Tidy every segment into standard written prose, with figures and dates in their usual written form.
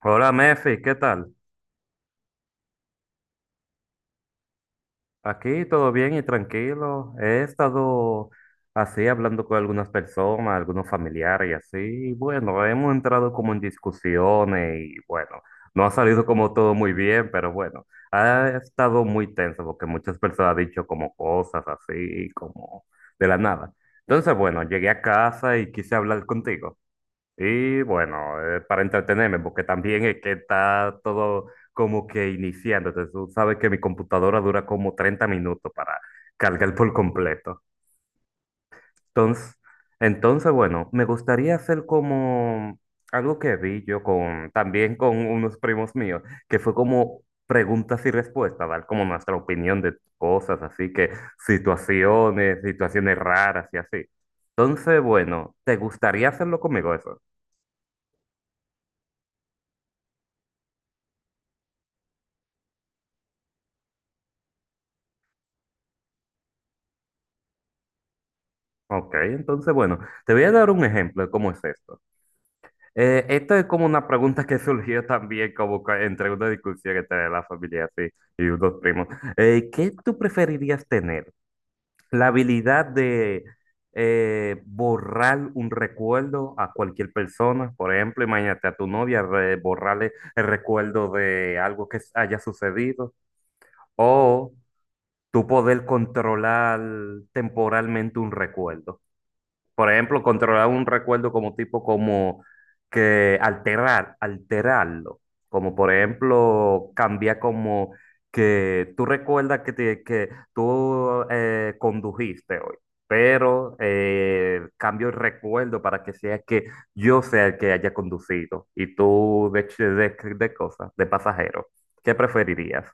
Hola Mefi, ¿qué tal? Aquí todo bien y tranquilo. He estado así hablando con algunas personas, algunos familiares y así. Bueno, hemos entrado como en discusiones y bueno, no ha salido como todo muy bien, pero bueno, ha estado muy tenso porque muchas personas han dicho como cosas así, como de la nada. Entonces, bueno, llegué a casa y quise hablar contigo. Y bueno, para entretenerme, porque también es que está todo como que iniciando. Entonces, tú sabes que mi computadora dura como 30 minutos para cargar por completo. Entonces, entonces, bueno, me gustaría hacer como algo que vi yo con, también con unos primos míos, que fue como preguntas y respuestas, dar como nuestra opinión de cosas, así que situaciones raras y así. Entonces, bueno, ¿te gustaría hacerlo conmigo eso? Ok, entonces bueno, te voy a dar un ejemplo de cómo es esto. Esto es como una pregunta que surgió también como que entre una discusión entre la familia así, y unos primos. ¿qué tú preferirías tener? ¿La habilidad de borrar un recuerdo a cualquier persona? Por ejemplo, imagínate a tu novia borrarle el recuerdo de algo que haya sucedido o tú poder controlar temporalmente un recuerdo. Por ejemplo, controlar un recuerdo como tipo como que alterarlo. Como por ejemplo, cambiar como que tú recuerdas que, que tú condujiste hoy, pero cambio el recuerdo para que sea que yo sea el que haya conducido y tú de, de cosas, de pasajero. ¿Qué preferirías?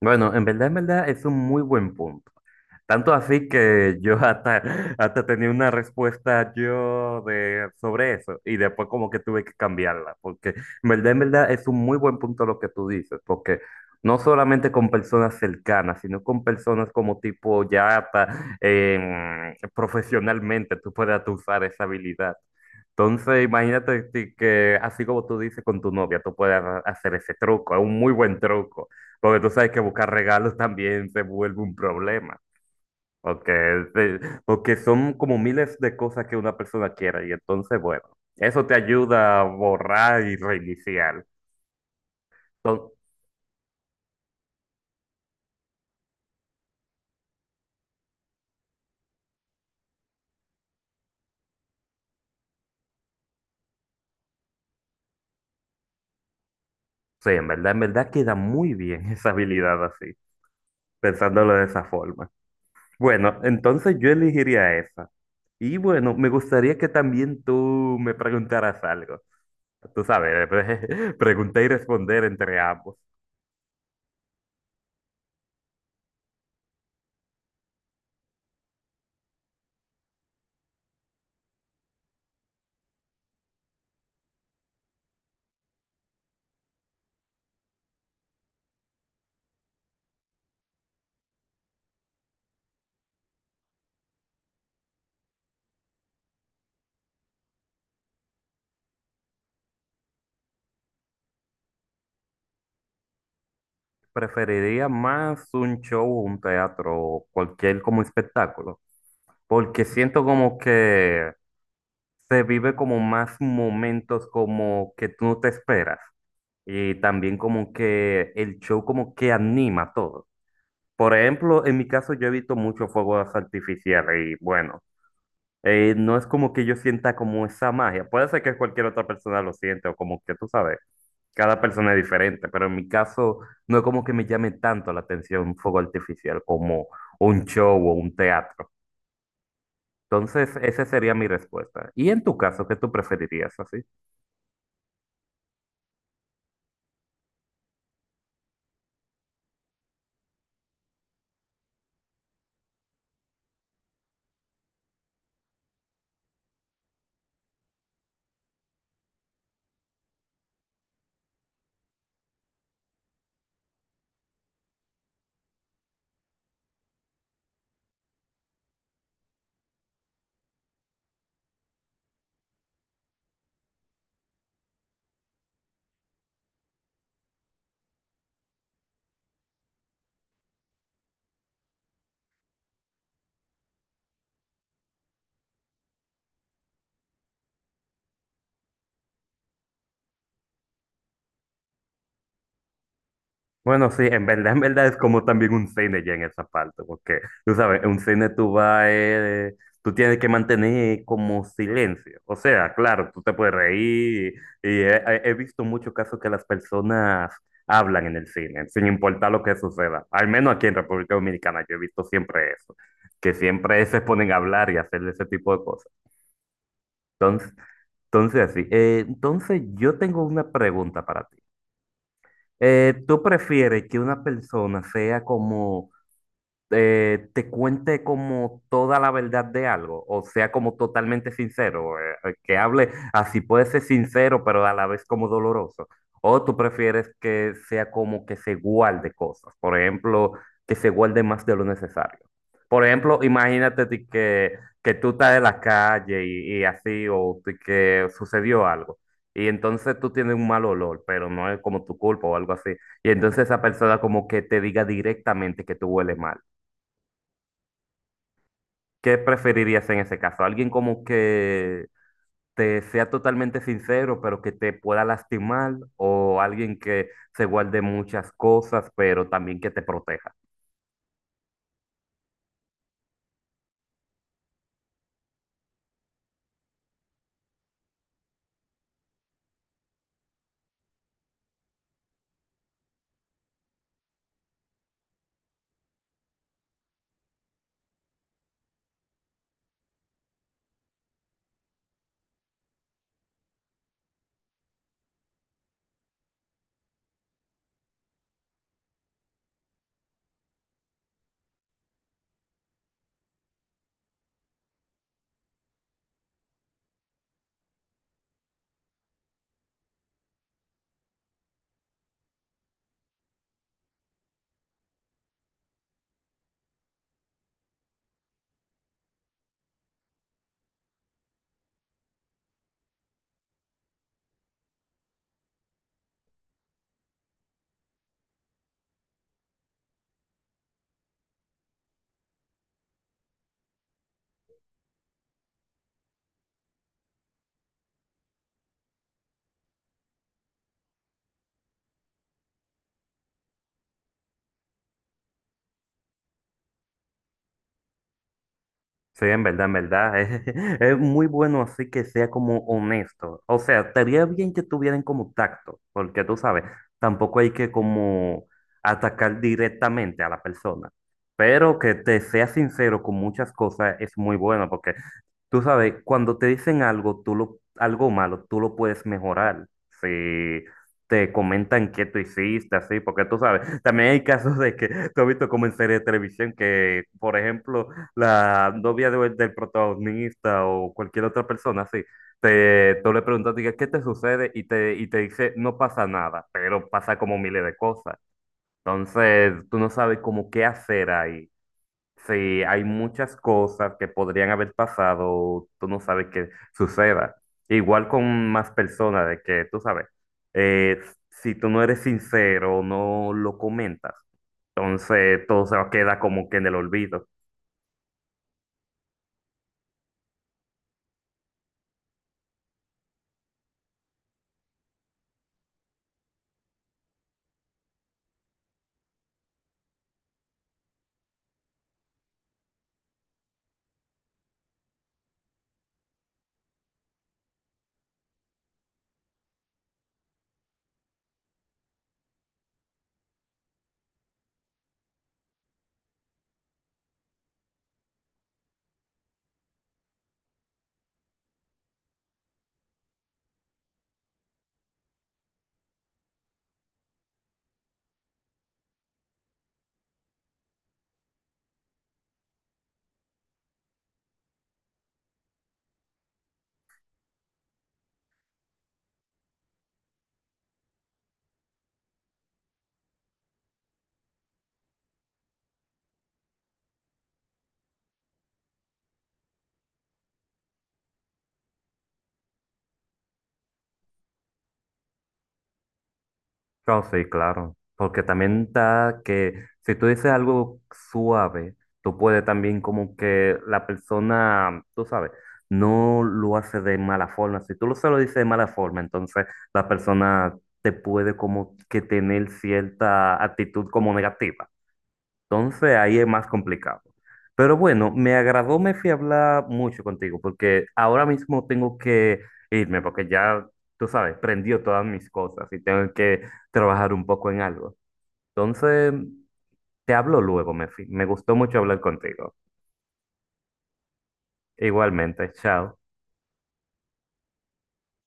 Bueno, en verdad es un muy buen punto. Tanto así que yo hasta tenía una respuesta yo de, sobre eso y después como que tuve que cambiarla, porque en verdad es un muy buen punto lo que tú dices, porque no solamente con personas cercanas, sino con personas como tipo ya hasta profesionalmente tú puedes hasta usar esa habilidad. Entonces imagínate ti que así como tú dices con tu novia, tú puedes hacer ese truco, es un muy buen truco, porque tú sabes que buscar regalos también se vuelve un problema porque sí, porque son como miles de cosas que una persona quiere y entonces, bueno, eso te ayuda a borrar y reiniciar. Entonces, sí, en verdad queda muy bien esa habilidad así, pensándolo de esa forma. Bueno, entonces yo elegiría esa. Y bueno, me gustaría que también tú me preguntaras algo. Tú sabes, preguntar y responder entre ambos. Preferiría más un show, un teatro, o cualquier como espectáculo, porque siento como que se vive como más momentos como que tú no te esperas y también como que el show como que anima todo. Por ejemplo, en mi caso yo evito mucho fuegos artificiales y bueno, no es como que yo sienta como esa magia, puede ser que cualquier otra persona lo siente o como que tú sabes. Cada persona es diferente, pero en mi caso no es como que me llame tanto la atención un fuego artificial como un show o un teatro. Entonces, esa sería mi respuesta. ¿Y en tu caso, qué tú preferirías así? Bueno, sí, en verdad es como también un cine ya en esa parte, porque tú sabes, en un cine tú vas, tú tienes que mantener como silencio. O sea, claro, tú te puedes reír y he visto muchos casos que las personas hablan en el cine, sin importar lo que suceda. Al menos aquí en República Dominicana yo he visto siempre eso, que siempre se ponen a hablar y hacer ese tipo de cosas. Entonces, entonces así, entonces yo tengo una pregunta para ti. ¿tú prefieres que una persona sea como, te cuente como toda la verdad de algo, o sea, como totalmente sincero, que hable así puede ser sincero, pero a la vez como doloroso. O tú prefieres que sea como que se guarde cosas, por ejemplo, que se guarde más de lo necesario. Por ejemplo, imagínate ti que tú estás en la calle y así, o ti que sucedió algo. Y entonces tú tienes un mal olor, pero no es como tu culpa o algo así. Y entonces esa persona como que te diga directamente que tú hueles mal. ¿Qué preferirías en ese caso? ¿Alguien como que te sea totalmente sincero, pero que te pueda lastimar? ¿O alguien que se guarde muchas cosas, pero también que te proteja? Sí, en verdad. Es muy bueno así que sea como honesto. O sea, estaría bien que tuvieran como tacto, porque tú sabes, tampoco hay que como atacar directamente a la persona. Pero que te sea sincero con muchas cosas es muy bueno, porque tú sabes, cuando te dicen algo, algo malo, tú lo puedes mejorar. Si te comentan qué tú hiciste, así, porque tú sabes, también hay casos de que tú has visto como en series de televisión que, por ejemplo, la novia del protagonista o cualquier otra persona, así, tú le preguntas, diga, ¿qué te sucede? Y te dice, no pasa nada, pero pasa como miles de cosas. Entonces, tú no sabes cómo qué hacer ahí. Sí, hay muchas cosas que podrían haber pasado, tú no sabes qué suceda. Igual con más personas, de que tú sabes, eh, si tú no eres sincero, no lo comentas, entonces todo se va a quedar como que en el olvido. No, sí, claro, porque también da que si tú dices algo suave, tú puedes también como que la persona, tú sabes, no lo hace de mala forma. Si tú lo se lo dices de mala forma, entonces la persona te puede como que tener cierta actitud como negativa. Entonces ahí es más complicado. Pero bueno, me agradó, me fui a hablar mucho contigo porque ahora mismo tengo que irme porque ya, tú sabes, prendió todas mis cosas y tengo que trabajar un poco en algo. Entonces, te hablo luego, Mefi. Me gustó mucho hablar contigo. Igualmente, chao.